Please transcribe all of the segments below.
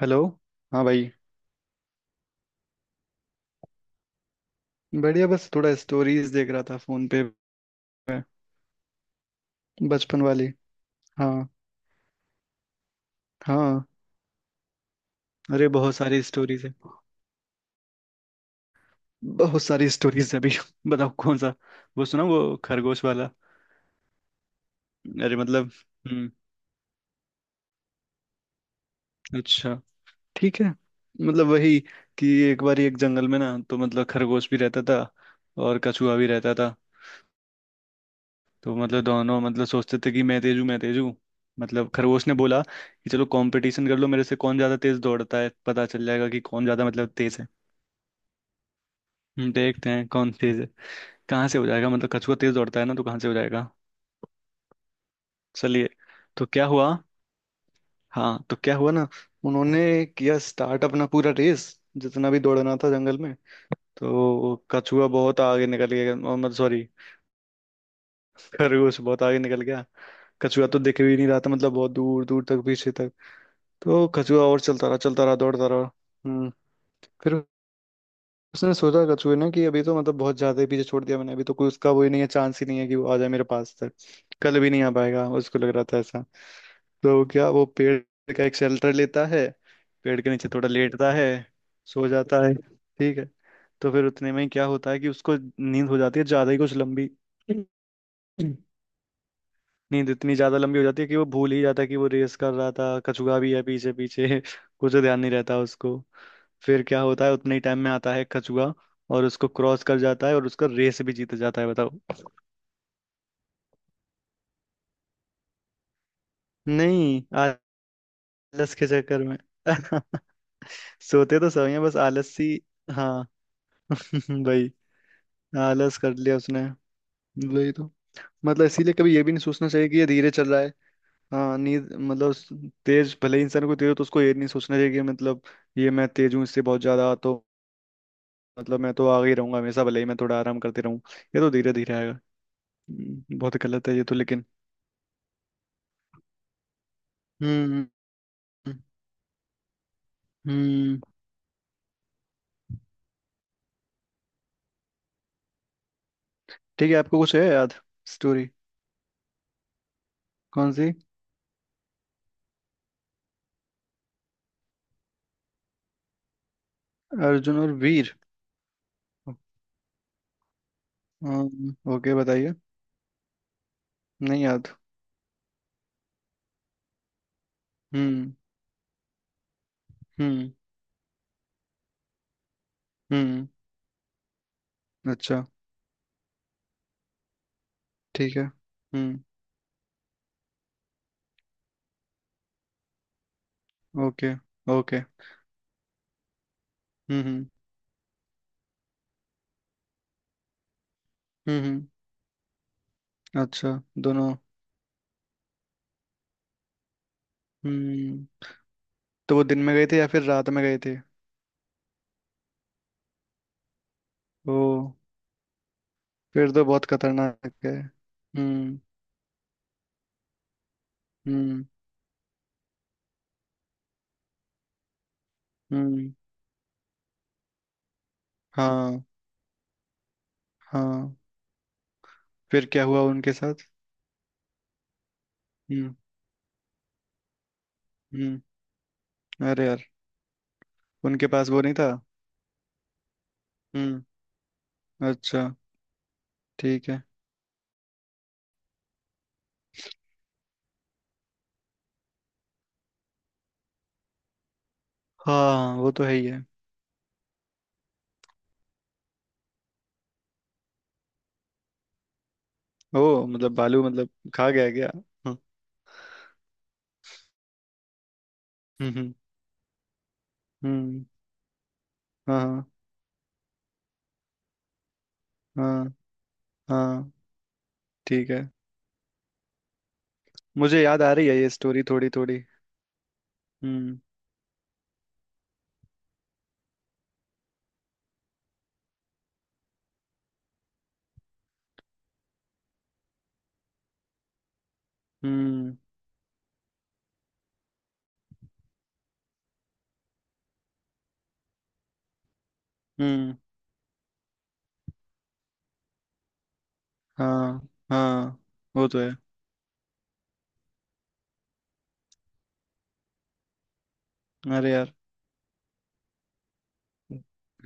Hello. हाँ भाई। बढ़िया, बस थोड़ा स्टोरीज देख रहा था फोन पे मैं। बचपन वाली। हाँ, हाँ। अरे, बहुत सारी स्टोरीज है। बहुत सारी स्टोरीज है अभी। बताओ कौन सा। वो सुना, वो खरगोश वाला। अरे, मतलब हम्म। अच्छा, ठीक है। मतलब वही, कि एक बार एक जंगल में ना, तो मतलब खरगोश भी रहता था और कछुआ भी रहता था। तो मतलब दोनों मतलब सोचते थे कि मैं तेज हूँ, मैं तेज हूँ। मतलब खरगोश ने बोला कि चलो कंपटीशन कर लो मेरे से, कौन ज्यादा तेज दौड़ता है पता चल जाएगा कि कौन ज्यादा मतलब तेज है। हम देखते हैं कौन तेज है। कहाँ से हो जाएगा, मतलब कछुआ तेज दौड़ता है ना, तो कहाँ से हो जाएगा। चलिए, तो क्या हुआ। हाँ, तो क्या हुआ ना। उन्होंने किया स्टार्ट अपना पूरा रेस, जितना भी दौड़ना था जंगल में। तो कछुआ बहुत आगे निकल गया और मतलब सॉरी, खरगोश बहुत आगे निकल गया। कछुआ तो दिख भी नहीं रहा था, मतलब बहुत दूर दूर तक पीछे तक। तो कछुआ और चलता रहा, चलता रहा, दौड़ता रहा। हम्म। फिर उसने सोचा, कछुए ने, कि अभी तो मतलब बहुत ज्यादा ही पीछे छोड़ दिया मैंने, अभी तो कोई उसका वो ही नहीं है, चांस ही नहीं है कि वो आ जाए मेरे पास तक। कल भी नहीं आ पाएगा, उसको लग रहा था ऐसा। तो क्या, वो पेड़ का एक शेल्टर लेता है। पेड़ के नीचे थोड़ा लेटता है, सो जाता है, ठीक है। तो फिर उतने में ही क्या होता है कि उसको नींद हो जाती है, ज्यादा ही कुछ लंबी। नींद इतनी ज्यादा लंबी हो जाती है कि वो भूल ही जाता है कि वो रेस कर रहा था, कछुआ भी है पीछे पीछे। कुछ तो ध्यान नहीं रहता उसको। फिर क्या होता है, उतने ही टाइम में आता है कछुआ और उसको क्रॉस कर जाता है, और उसका रेस भी जीत जाता है, बताओ। नहीं, आलस के चक्कर में। सोते तो सही है, बस आलस ही। हाँ। भाई, आलस कर लिया उसने। वही तो। मतलब इसीलिए कभी ये भी नहीं सोचना चाहिए कि ये धीरे चल रहा है। हाँ, नींद मतलब तेज भले ही इंसान को, तेज हो तो उसको ये नहीं सोचना चाहिए कि मतलब ये मैं तेज हूँ इससे बहुत ज्यादा, तो मतलब मैं तो आगे ही रहूंगा हमेशा, भले ही मैं थोड़ा आराम करते रहूँ। ये तो धीरे धीरे आएगा। बहुत गलत है ये तो लेकिन। हम्म। हम्म। ठीक है, आपको कुछ है याद स्टोरी। कौन सी। अर्जुन और वीर। ओके, बताइए। नहीं याद। हम्म। हम्म। हम्म। अच्छा। ठीक है। हम्म। Okay, okay. हम्म। हम्म। हम्म। अच्छा दोनों। हम्म। तो वो दिन में गए थे या फिर रात में गए थे? ओ, फिर तो बहुत खतरनाक है। हम्म। हम्म। हम्म। हाँ, हाँ। फिर क्या हुआ उनके साथ? हम्म। हम्म। अरे यार, उनके पास वो नहीं था। हम्म। अच्छा। ठीक है। हाँ, वो तो है ही है। ओ मतलब बालू, मतलब खा गया क्या? हम्म। हम्म। हम्म। हम्म। हाँ, हाँ, हाँ। हाँ, ठीक है। मुझे याद आ रही है ये स्टोरी थोड़ी थोड़ी। हम्म। हम्म। हम्म। हाँ, हाँ, वो तो है। अरे यार।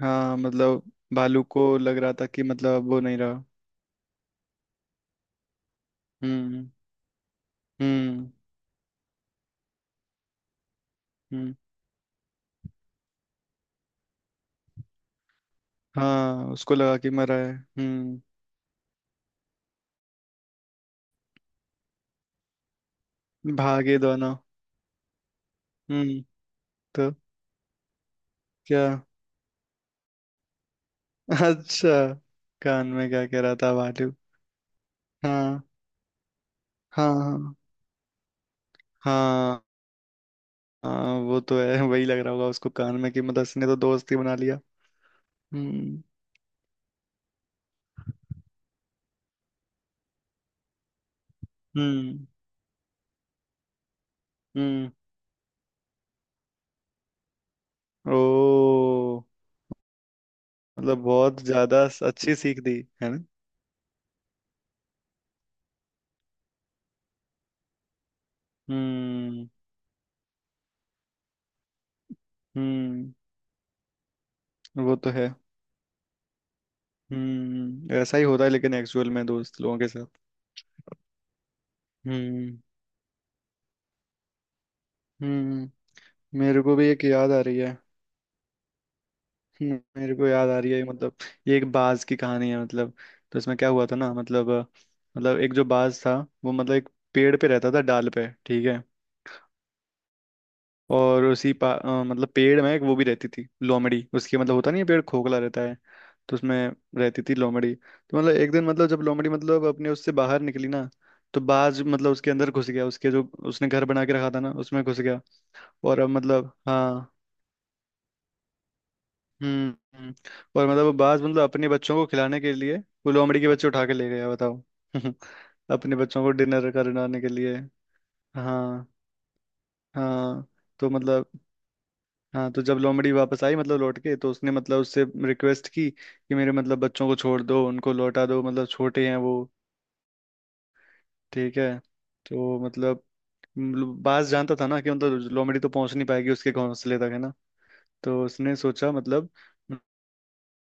हाँ, मतलब भालू को लग रहा था कि मतलब अब वो नहीं रहा। हम्म। हम्म। हम्म। हाँ, उसको लगा कि मरा है, हम्म। भागे दोनों। हम्म। तो क्या? अच्छा, कान में क्या कह रहा था भालू? हाँ, हाँ, हाँ, हाँ। हाँ, वो तो है, वही लग रहा होगा उसको कान में कि मतलब इसने तो दोस्ती बना लिया। हम्म। हम्म। हम्म। ओ, मतलब बहुत ज्यादा अच्छी सीख दी, है ना। हम्म। हम्म। वो तो है। हम्म, ऐसा ही होता है लेकिन एक्चुअल में दोस्त लोगों के साथ। हम्म। हम्म। मेरे को भी एक याद आ रही है। मेरे को याद आ रही है, मतलब ये एक बाज की कहानी है। मतलब तो इसमें क्या हुआ था ना, मतलब मतलब एक जो बाज था, वो मतलब एक पेड़ पे रहता था, डाल पे, ठीक है। और उसी मतलब पेड़ में एक वो भी रहती थी, लोमड़ी, उसकी मतलब होता नहीं है, पेड़ खोखला रहता है। तो उसमें रहती थी लोमड़ी। तो मतलब एक दिन, मतलब जब लोमड़ी मतलब अपने उससे बाहर निकली ना, तो बाज मतलब उसके अंदर घुस गया, उसके जो उसने घर बना के रखा था ना, उसमें घुस गया। और अब मतलब हाँ, हम्म। हम्म। और मतलब वो बाज मतलब अपने बच्चों को खिलाने के लिए वो लोमड़ी के बच्चे उठा के ले गया, बताओ। अपने बच्चों को डिनर करवाने के लिए। हाँ, हाँ। तो मतलब, हाँ, तो जब लोमड़ी वापस आई, मतलब लौट के, तो उसने मतलब उससे रिक्वेस्ट की कि मेरे मतलब बच्चों को छोड़ दो, उनको लौटा दो, मतलब छोटे हैं वो। ठीक है। तो मतलब, मतलब बाज जानता था ना कि मतलब लोमड़ी तो पहुंच नहीं पाएगी उसके घोंसले तक, है ना। तो उसने सोचा, मतलब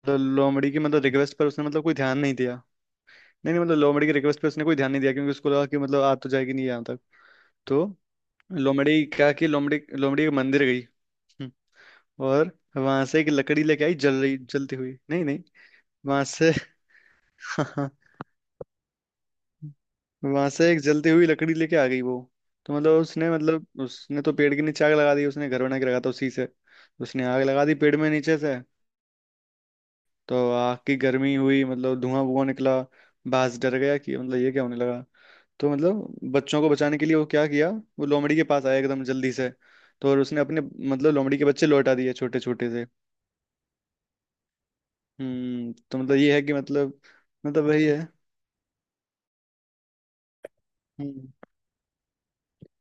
मतलब लोमड़ी की मतलब रिक्वेस्ट पर उसने मतलब कोई ध्यान नहीं दिया। नहीं, नहीं, मतलब लोमड़ी की रिक्वेस्ट पर उसने कोई ध्यान नहीं दिया, क्योंकि उसको लगा कि मतलब आ तो जाएगी नहीं यहाँ तक। तो लोमड़ी क्या, कि लोमड़ी लोमड़ी के मंदिर गई। हम्म। और वहां से एक लकड़ी लेके आई, जल रही, जलती हुई, नहीं, नहीं, वहां से वहां से एक जलती हुई लकड़ी लेके आ गई वो। तो मतलब उसने, मतलब उसने तो पेड़ के नीचे आग लगा दी, उसने घर बना के रखा था उसी से। उसने आग लगा दी पेड़ में नीचे से। तो आग की गर्मी हुई, मतलब धुआं धुआं निकला। बाज डर गया कि मतलब ये क्या होने लगा। तो मतलब बच्चों को बचाने के लिए वो क्या किया, वो लोमड़ी के पास आया एकदम जल्दी से। तो और उसने अपने, मतलब लोमड़ी के बच्चे लौटा दिए, छोटे छोटे से। हम्म। तो मतलब ये है कि मतलब, मतलब वही है। हम्म।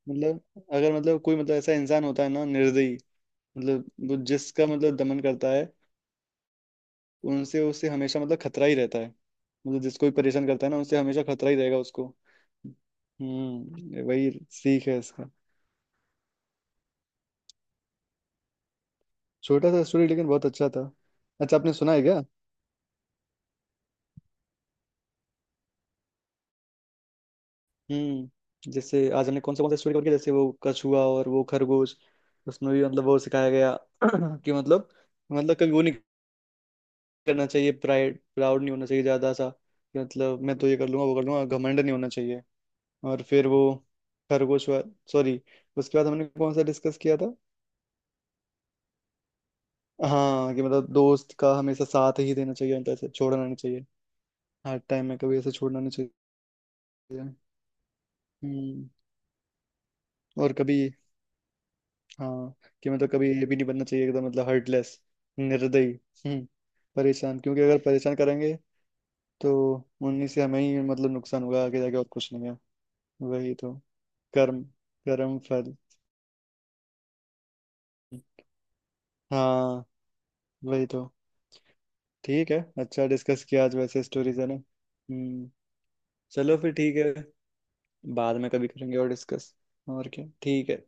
मतलब अगर मतलब कोई, मतलब ऐसा इंसान होता है ना, निर्दयी, मतलब वो जिसका मतलब दमन करता है, उनसे उसे हमेशा मतलब खतरा ही रहता है। मतलब जिसको भी परेशान करता है ना, उनसे हमेशा खतरा ही रहेगा उसको। हम्म, ये वही सीख है इसका। छोटा सा स्टोरी लेकिन बहुत अच्छा था। अच्छा आपने सुना है क्या? हम्म, जैसे आज हमने कौन सा स्टोरी करके, जैसे वो कछुआ और वो खरगोश, उसमें भी मतलब वो सिखाया गया कि मतलब, मतलब कभी वो नहीं करना चाहिए, प्राइड, प्राउड नहीं होना चाहिए ज्यादा सा, कि मतलब मैं तो ये कर लूंगा, वो कर लूंगा, घमंड नहीं होना चाहिए। और फिर वो खरगोश वाला, सॉरी, उसके बाद हमने कौन सा डिस्कस किया था, हाँ, कि मतलब दोस्त का हमेशा साथ ही देना चाहिए, मतलब ऐसे छोड़ना नहीं चाहिए। हर टाइम में कभी ऐसे छोड़ना नहीं चाहिए। हम्म। और कभी, हाँ, कि मतलब कभी ये भी नहीं बनना चाहिए एकदम मतलब हर्टलेस, निर्दयी। हम्म। परेशान, क्योंकि अगर परेशान करेंगे तो उन्हीं से हमें ही मतलब नुकसान होगा आगे जाके, और कुछ नहीं है। वही तो, कर्म, कर्म फल। हाँ, वही तो। ठीक है। अच्छा डिस्कस किया आज वैसे स्टोरीज, है ना, हम्म। चलो, फिर ठीक है। बाद में कभी करेंगे और डिस्कस। और क्या, ठीक है।